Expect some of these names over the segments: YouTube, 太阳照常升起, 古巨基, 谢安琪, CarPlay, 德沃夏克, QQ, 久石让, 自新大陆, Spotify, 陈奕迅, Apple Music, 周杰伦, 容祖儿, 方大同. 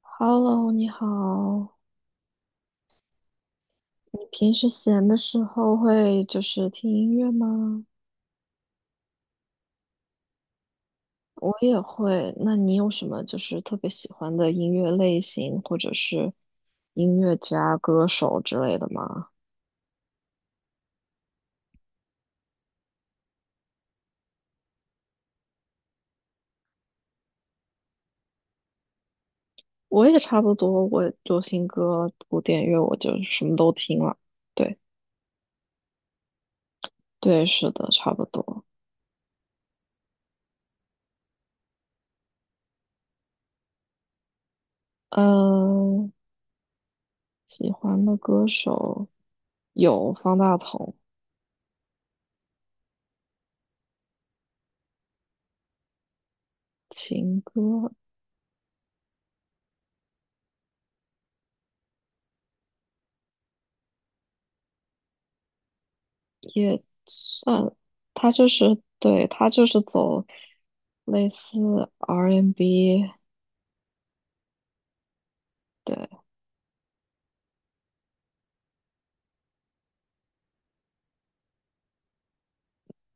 Hello，你好。你平时闲的时候会听音乐吗？我也会。那你有什么特别喜欢的音乐类型，或者是音乐家、歌手之类的吗？我也差不多，我流行歌、古典乐，我就什么都听了。对，对，是的，差不多。嗯，喜欢的歌手有方大同，情歌，也算，他就是走类似 R&B，n 对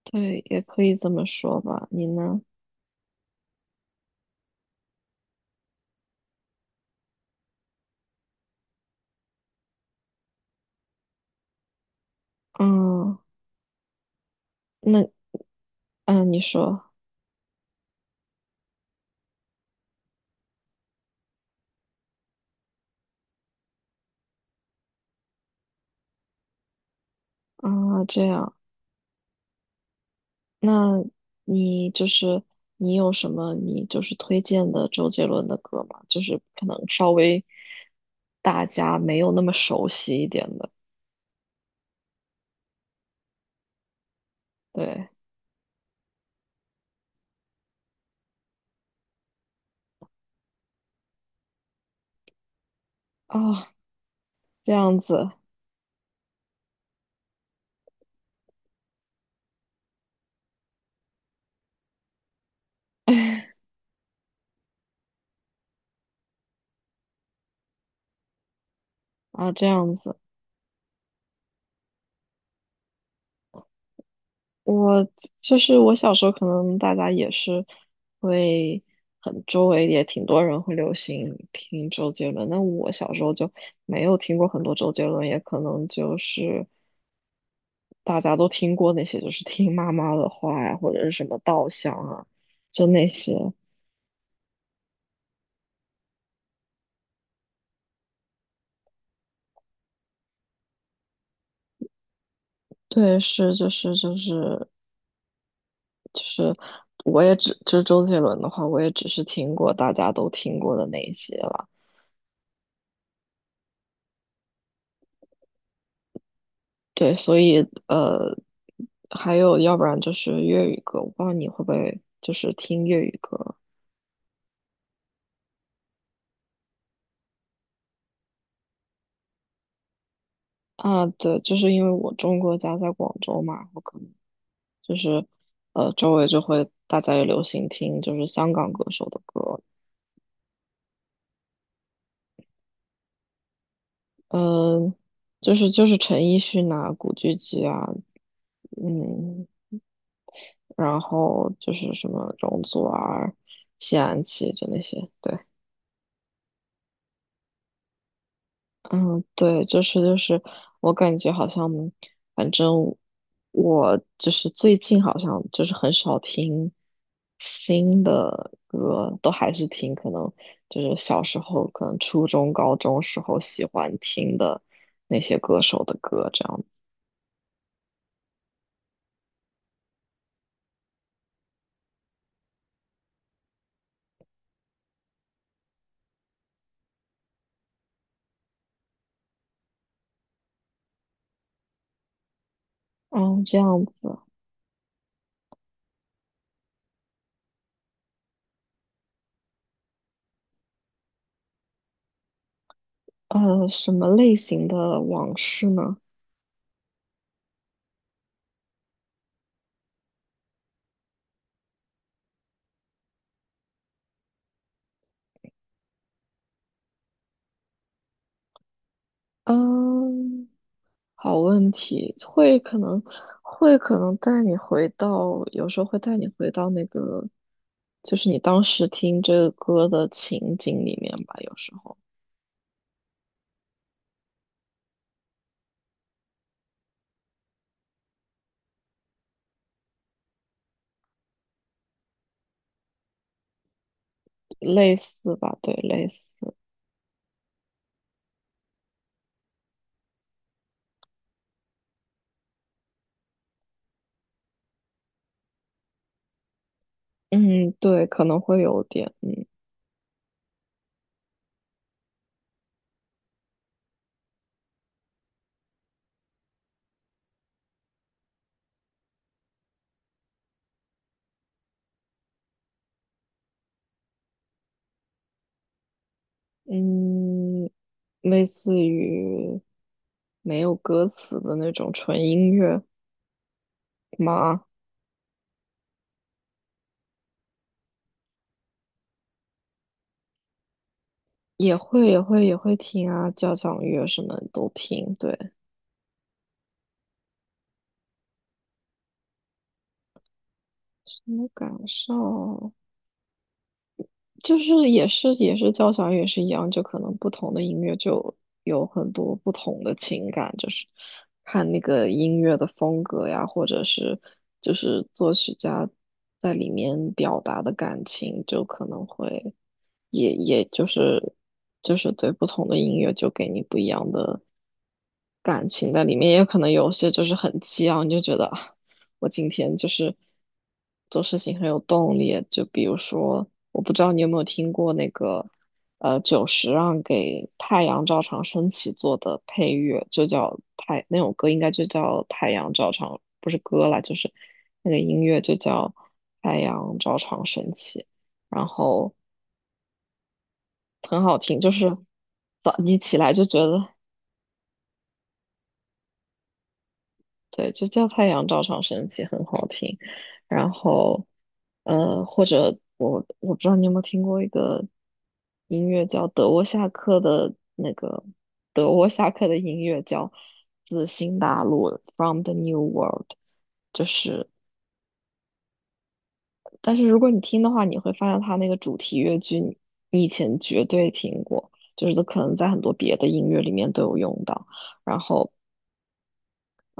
对，也可以这么说吧。你呢？嗯，那嗯，你说啊，这样，那你就是你有什么你就是推荐的周杰伦的歌吗？就是可能稍微大家没有那么熟悉一点的，对啊，这样子啊，这样子。我就是我小时候，可能大家也是会很周围也挺多人会流行听周杰伦，那我小时候就没有听过很多周杰伦，也可能就是大家都听过那些，就是听妈妈的话呀，或者是什么稻香啊，就那些。对，就是，我也只周杰伦的话，我也只是听过大家都听过的那一些了。对，所以呃，还有要不然就是粤语歌，我不知道你会不会听粤语歌啊？对，就是因为我中国家在广州嘛，我可能就是周围就会大家也流行听香港歌手的歌，嗯、就是陈奕迅啊、古巨基啊，嗯，然后就是什么容祖儿、谢安琪就那些，对。嗯，对，就是，我感觉好像，反正我最近好像很少听新的歌，都还是听可能小时候，可能初中、高中时候喜欢听的那些歌手的歌这样子。哦，这样子，呃，什么类型的往事呢？嗯。好问题，会可能带你回到，有时候会带你回到那个，就是你当时听这个歌的情景里面吧，有时候类似吧，对，类似，嗯，对，可能会有点，嗯嗯，类似于没有歌词的那种纯音乐吗？也会听啊，交响乐什么都听，对，什么感受？就是也是交响乐也是一样，就可能不同的音乐就有很多不同的情感，就是看那个音乐的风格呀，或者是作曲家在里面表达的感情，就可能会。也就是对不同的音乐就给你不一样的感情在里面，也可能有些很激昂，你就觉得啊，我今天做事情很有动力。就比如说，我不知道你有没有听过那个久石让给《太阳照常升起》做的配乐，就叫太那首歌应该就叫《太阳照常》，不是歌啦，就是那个音乐就叫《太阳照常升起》。然后很好听，就是早你起来就觉得，对，就叫太阳照常升起，很好听。然后，呃，或者我不知道你有没有听过一个音乐叫德沃夏克的那个德沃夏克的音乐叫《自新大陆》（From the New World），就是，但是如果你听的话，你会发现它那个主题乐句你以前绝对听过，就是可能在很多别的音乐里面都有用到。然后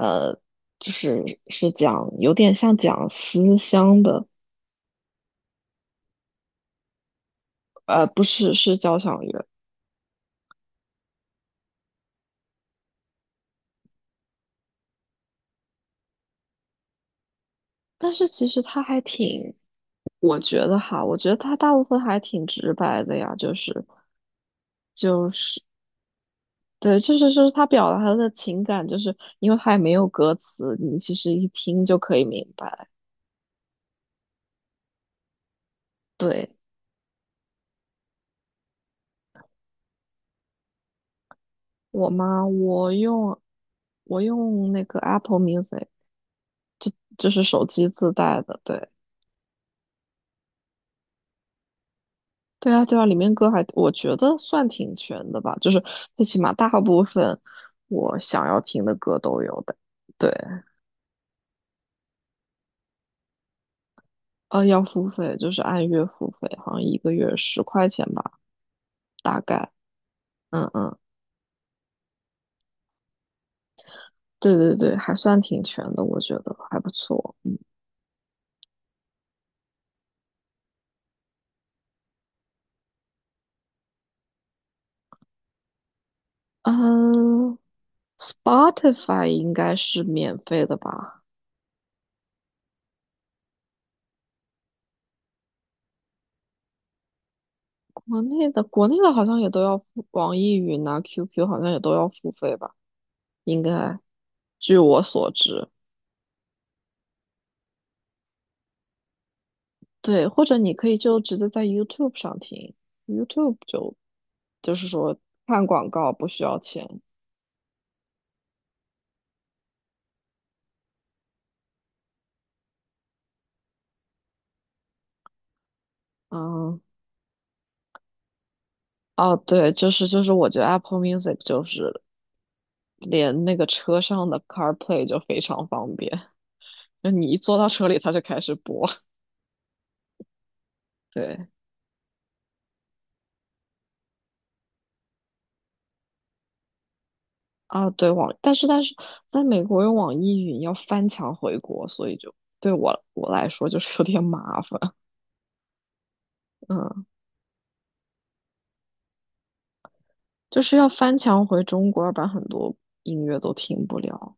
呃，是讲有点像讲思乡的，呃，不是交响乐，但是其实它还挺，我觉得哈，我觉得它大部分还挺直白的呀，就是对，就是他表达他的情感，就是因为他也没有歌词，你其实一听就可以明白。对，我妈，我用那个 Apple Music，就是手机自带的，对。对啊，对啊，里面歌还我觉得算挺全的吧，就是最起码大部分我想要听的歌都有的。对，呃，要付费，就是按月付费，好像一个月10块钱吧，大概。嗯嗯，对对对，还算挺全的，我觉得还不错。嗯，Spotify 应该是免费的吧？国内的好像也都要付，网易云啊、QQ 好像也都要付费吧？应该，据我所知。对，或者你可以就直接在 YouTube 上听，YouTube 就就是说看广告不需要钱。嗯，哦，对，就是，我觉得 Apple Music 就是连那个车上的 CarPlay 就非常方便，就你一坐到车里，它就开始播。对，啊，对，网，但是但是在美国用网易云要翻墙回国，所以就对我来说就是有点麻烦。嗯，就是要翻墙回中国，要不然很多音乐都听不了。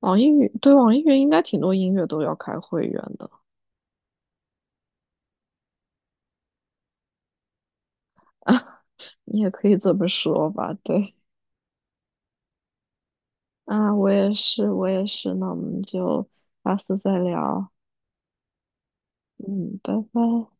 网易云，对，网易云应该挺多音乐都要开会员的，你也可以这么说吧，对。啊，我也是，我也是，那我们就下次再聊，嗯，拜拜。